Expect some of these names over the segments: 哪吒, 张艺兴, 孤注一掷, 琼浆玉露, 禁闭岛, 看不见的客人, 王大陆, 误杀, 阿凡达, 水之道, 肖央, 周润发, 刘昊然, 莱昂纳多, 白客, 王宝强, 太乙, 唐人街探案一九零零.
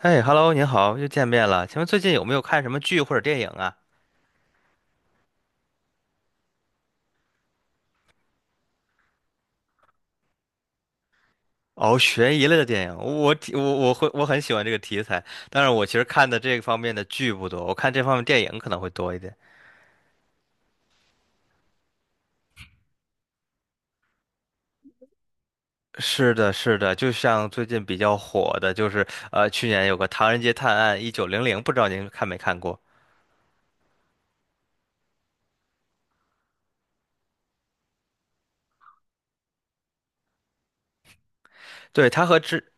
哎，Hello，您好，又见面了。请问最近有没有看什么剧或者电影啊？哦，悬疑类的电影，我很喜欢这个题材。但是我其实看的这方面的剧不多，我看这方面电影可能会多一点。是的，是的，就像最近比较火的，就是去年有个《唐人街探案一九零零》，不知道您看没看过？对，它和之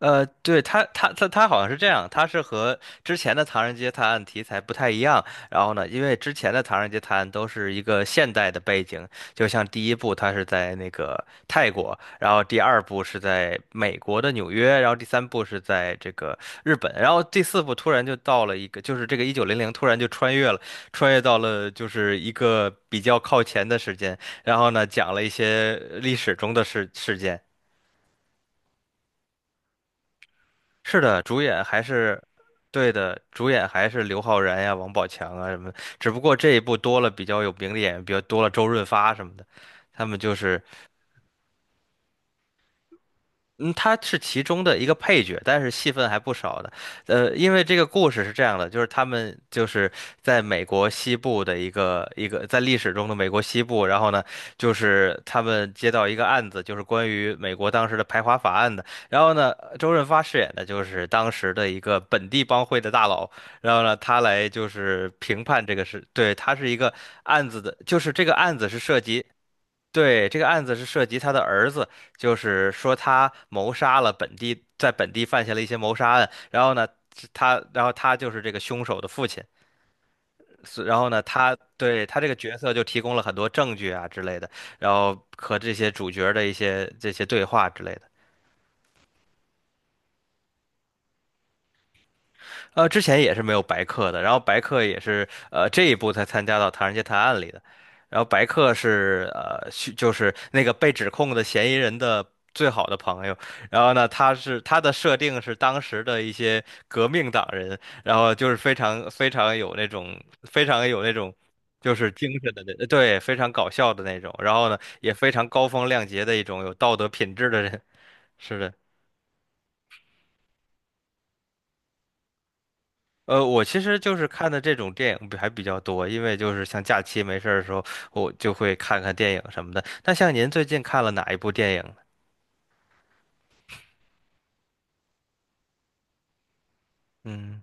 对，他好像是这样，他是和之前的《唐人街探案》题材不太一样。然后呢，因为之前的《唐人街探案》都是一个现代的背景，就像第一部它是在那个泰国，然后第二部是在美国的纽约，然后第三部是在这个日本，然后第四部突然就到了一个，就是这个一九零零突然就穿越了，穿越到了就是一个比较靠前的时间，然后呢，讲了一些历史中的事件。是的，主演还是对的，主演还是刘昊然呀、王宝强啊什么的，只不过这一部多了比较有名的演员，比较多了周润发什么的。他们就是嗯，他是其中的一个配角，但是戏份还不少的。因为这个故事是这样的，就是他们就是在美国西部的一个在历史中的美国西部，然后呢，就是他们接到一个案子，就是关于美国当时的排华法案的。然后呢，周润发饰演的就是当时的一个本地帮会的大佬，然后呢，他来就是评判这个事，对，他是一个案子的，就是这个案子是涉及。对，这个案子是涉及他的儿子，就是说他谋杀了本地，在本地犯下了一些谋杀案，然后呢，然后他就是这个凶手的父亲，然后呢，他对他这个角色就提供了很多证据啊之类的，然后和这些主角的一些这些对话之类的。之前也是没有白客的，然后白客也是这一部才参加到《唐人街探案》里的，然后白客是就是那个被指控的嫌疑人的最好的朋友，然后呢他的设定是当时的一些革命党人，然后就是非常非常有那种就是精神的那对非常搞笑的那种，然后呢也非常高风亮节的一种有道德品质的人，是的。我其实就是看的这种电影还比较多，因为就是像假期没事儿的时候，我就会看看电影什么的。那像您最近看了哪一部电影呢？嗯，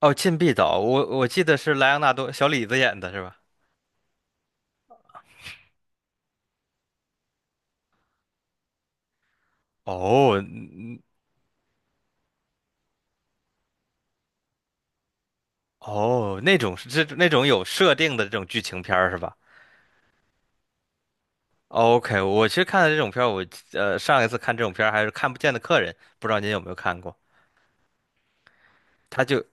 哦，《禁闭岛》，我记得是莱昂纳多小李子演的是吧？哦，哦，那种是这那种有设定的这种剧情片儿是吧？OK，我其实看的这种片儿上一次看这种片儿还是《看不见的客人》，不知道您有没有看过？它就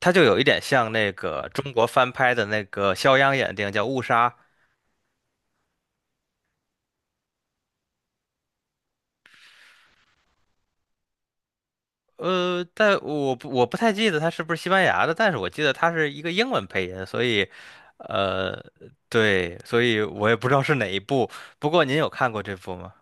它就有一点像那个中国翻拍的那个肖央演的电影叫《误杀》，但我不太记得他是不是西班牙的，但是我记得他是一个英文配音，呃，对，所以我也不知道是哪一部。不过您有看过这部吗？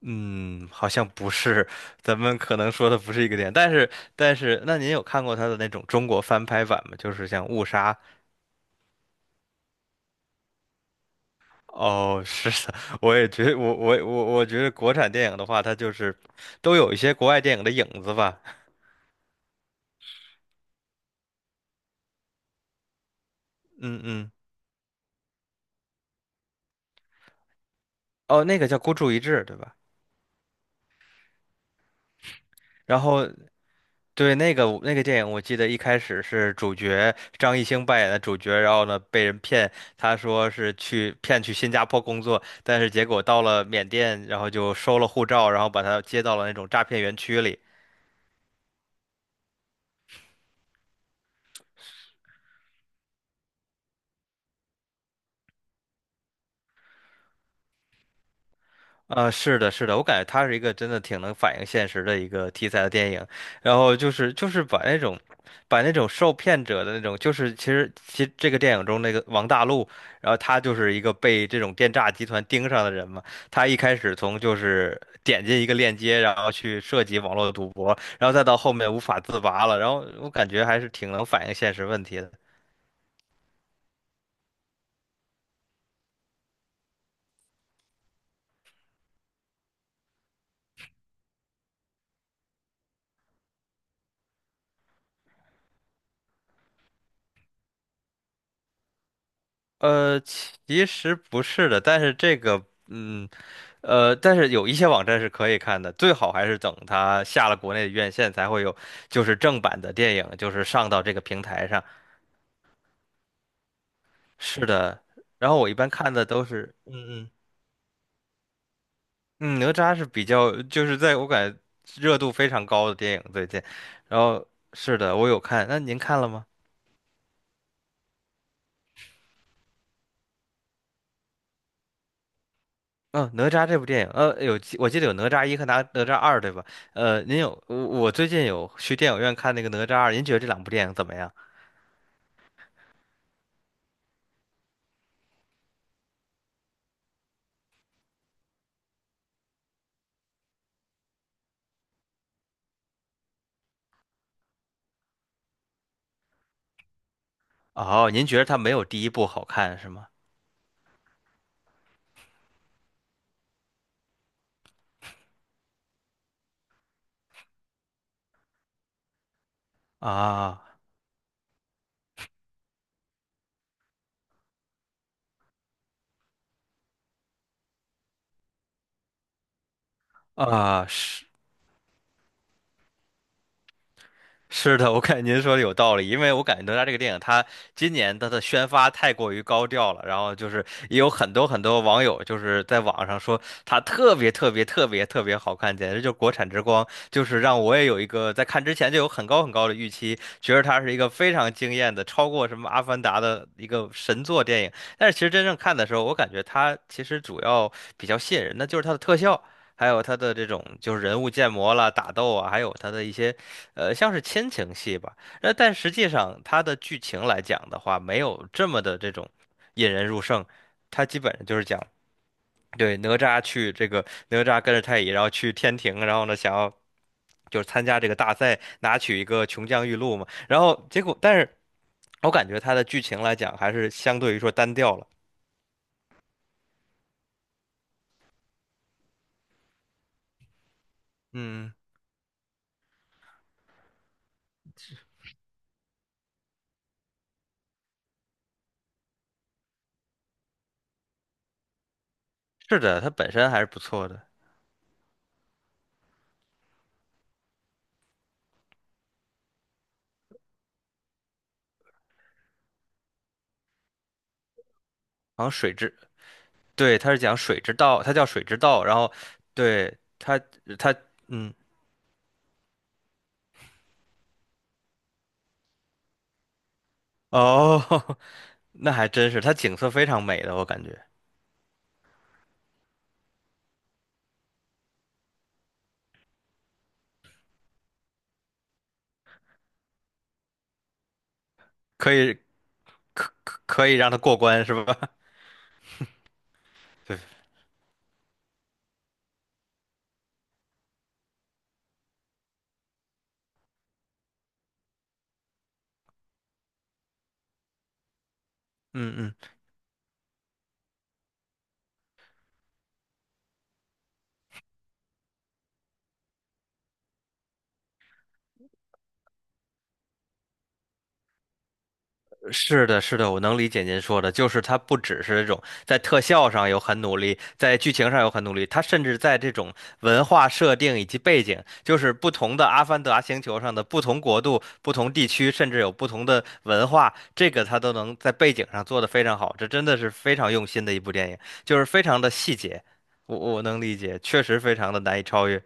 嗯，好像不是，咱们可能说的不是一个点。但是，那您有看过他的那种中国翻拍版吗？就是像《误杀》。哦，是的，我也觉得，我觉得国产电影的话，它就是都有一些国外电影的影子吧。嗯嗯，哦，那个叫《孤注一掷》，对吧？然后对，那个电影，我记得一开始是主角张艺兴扮演的主角，然后呢被人骗，他说是去骗去新加坡工作，但是结果到了缅甸，然后就收了护照，然后把他接到了那种诈骗园区里，啊，是的，是的，我感觉它是一个真的挺能反映现实的一个题材的电影，然后就是把那种受骗者的那种，就是其实这个电影中那个王大陆，然后他就是一个被这种电诈集团盯上的人嘛，他一开始就是点进一个链接，然后去涉及网络赌博，然后再到后面无法自拔了，然后我感觉还是挺能反映现实问题的。其实不是的，但是这个，嗯。但是有一些网站是可以看的，最好还是等它下了国内的院线才会有，就是正版的电影，就是上到这个平台上。是的，然后我一般看的都是，嗯嗯，哪吒是比较，就是在我感觉热度非常高的电影最近。然后是的，我有看，那您看了吗？嗯、哪吒这部电影，我记得有哪吒一和哪吒二，对吧？我最近有去电影院看那个哪吒二，您觉得这两部电影怎么样？哦，您觉得它没有第一部好看是吗？啊是 是的，我感觉您说的有道理，因为我感觉哪吒这个电影，它今年它的宣发太过于高调了，然后就是也有很多很多网友就是在网上说它特别特别特别特别好看，简直就是国产之光，就是让我也有一个在看之前就有很高很高的预期，觉得它是一个非常惊艳的，超过什么《阿凡达》的一个神作电影。但是其实真正看的时候，我感觉它其实主要比较吸引人的就是它的特效。还有它的这种就是人物建模啦、打斗啊，还有它的一些像是亲情戏吧，那但实际上它的剧情来讲的话，没有这么的这种引人入胜，它基本上就是讲，对，哪吒去这个哪吒跟着太乙，然后去天庭，然后呢，想要就是参加这个大赛，拿取一个琼浆玉露嘛，然后结果，但是我感觉它的剧情来讲，还是相对于说单调了。嗯，是的，它本身还是不错的，好像水之，对，它是讲水之道，它叫水之道，对，它嗯。哦，那还真是，它景色非常美的，我感觉可以可以让它过关，是吧？对，嗯嗯，是的，是的，我能理解您说的，就是它不只是这种在特效上有很努力，在剧情上有很努力，它甚至在这种文化设定以及背景，就是不同的《阿凡达》星球上的不同国度、不同地区，甚至有不同的文化，这个它都能在背景上做得非常好，这真的是非常用心的一部电影，就是非常的细节，我能理解，确实非常的难以超越。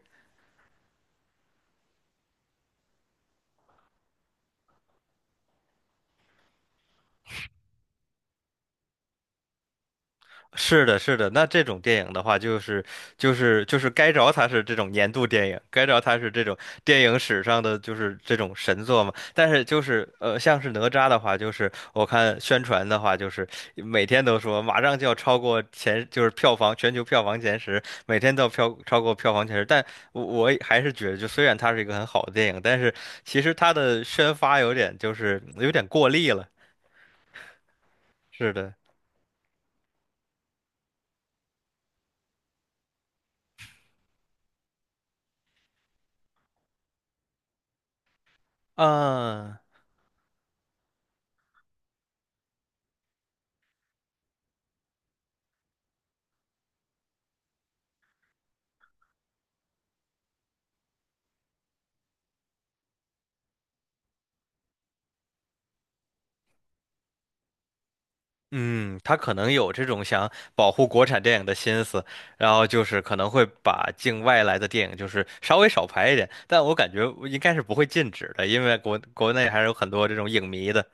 是的，是的，那这种电影的话，就是该着它是这种年度电影，该着它是这种电影史上的就是这种神作嘛。但是就是像是哪吒的话，就是我看宣传的话，就是每天都说马上就要超过前，就是全球票房前十，每天都要超过票房前十。但我也还是觉得，就虽然它是一个很好的电影，但是其实它的宣发有点就是有点过力了。是的，嗯。嗯，他可能有这种想保护国产电影的心思，然后就是可能会把境外来的电影就是稍微少拍一点，但我感觉应该是不会禁止的，因为国内还是有很多这种影迷的，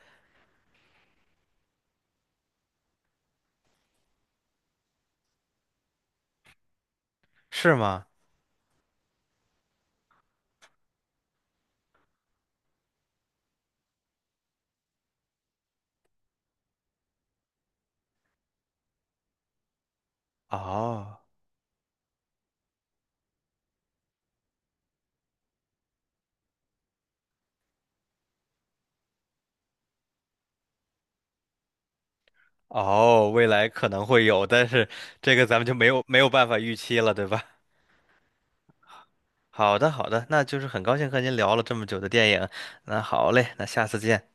是吗？哦哦，未来可能会有，但是这个咱们就没有办法预期了，对吧？好的好的，那就是很高兴和您聊了这么久的电影，那好嘞，那下次见。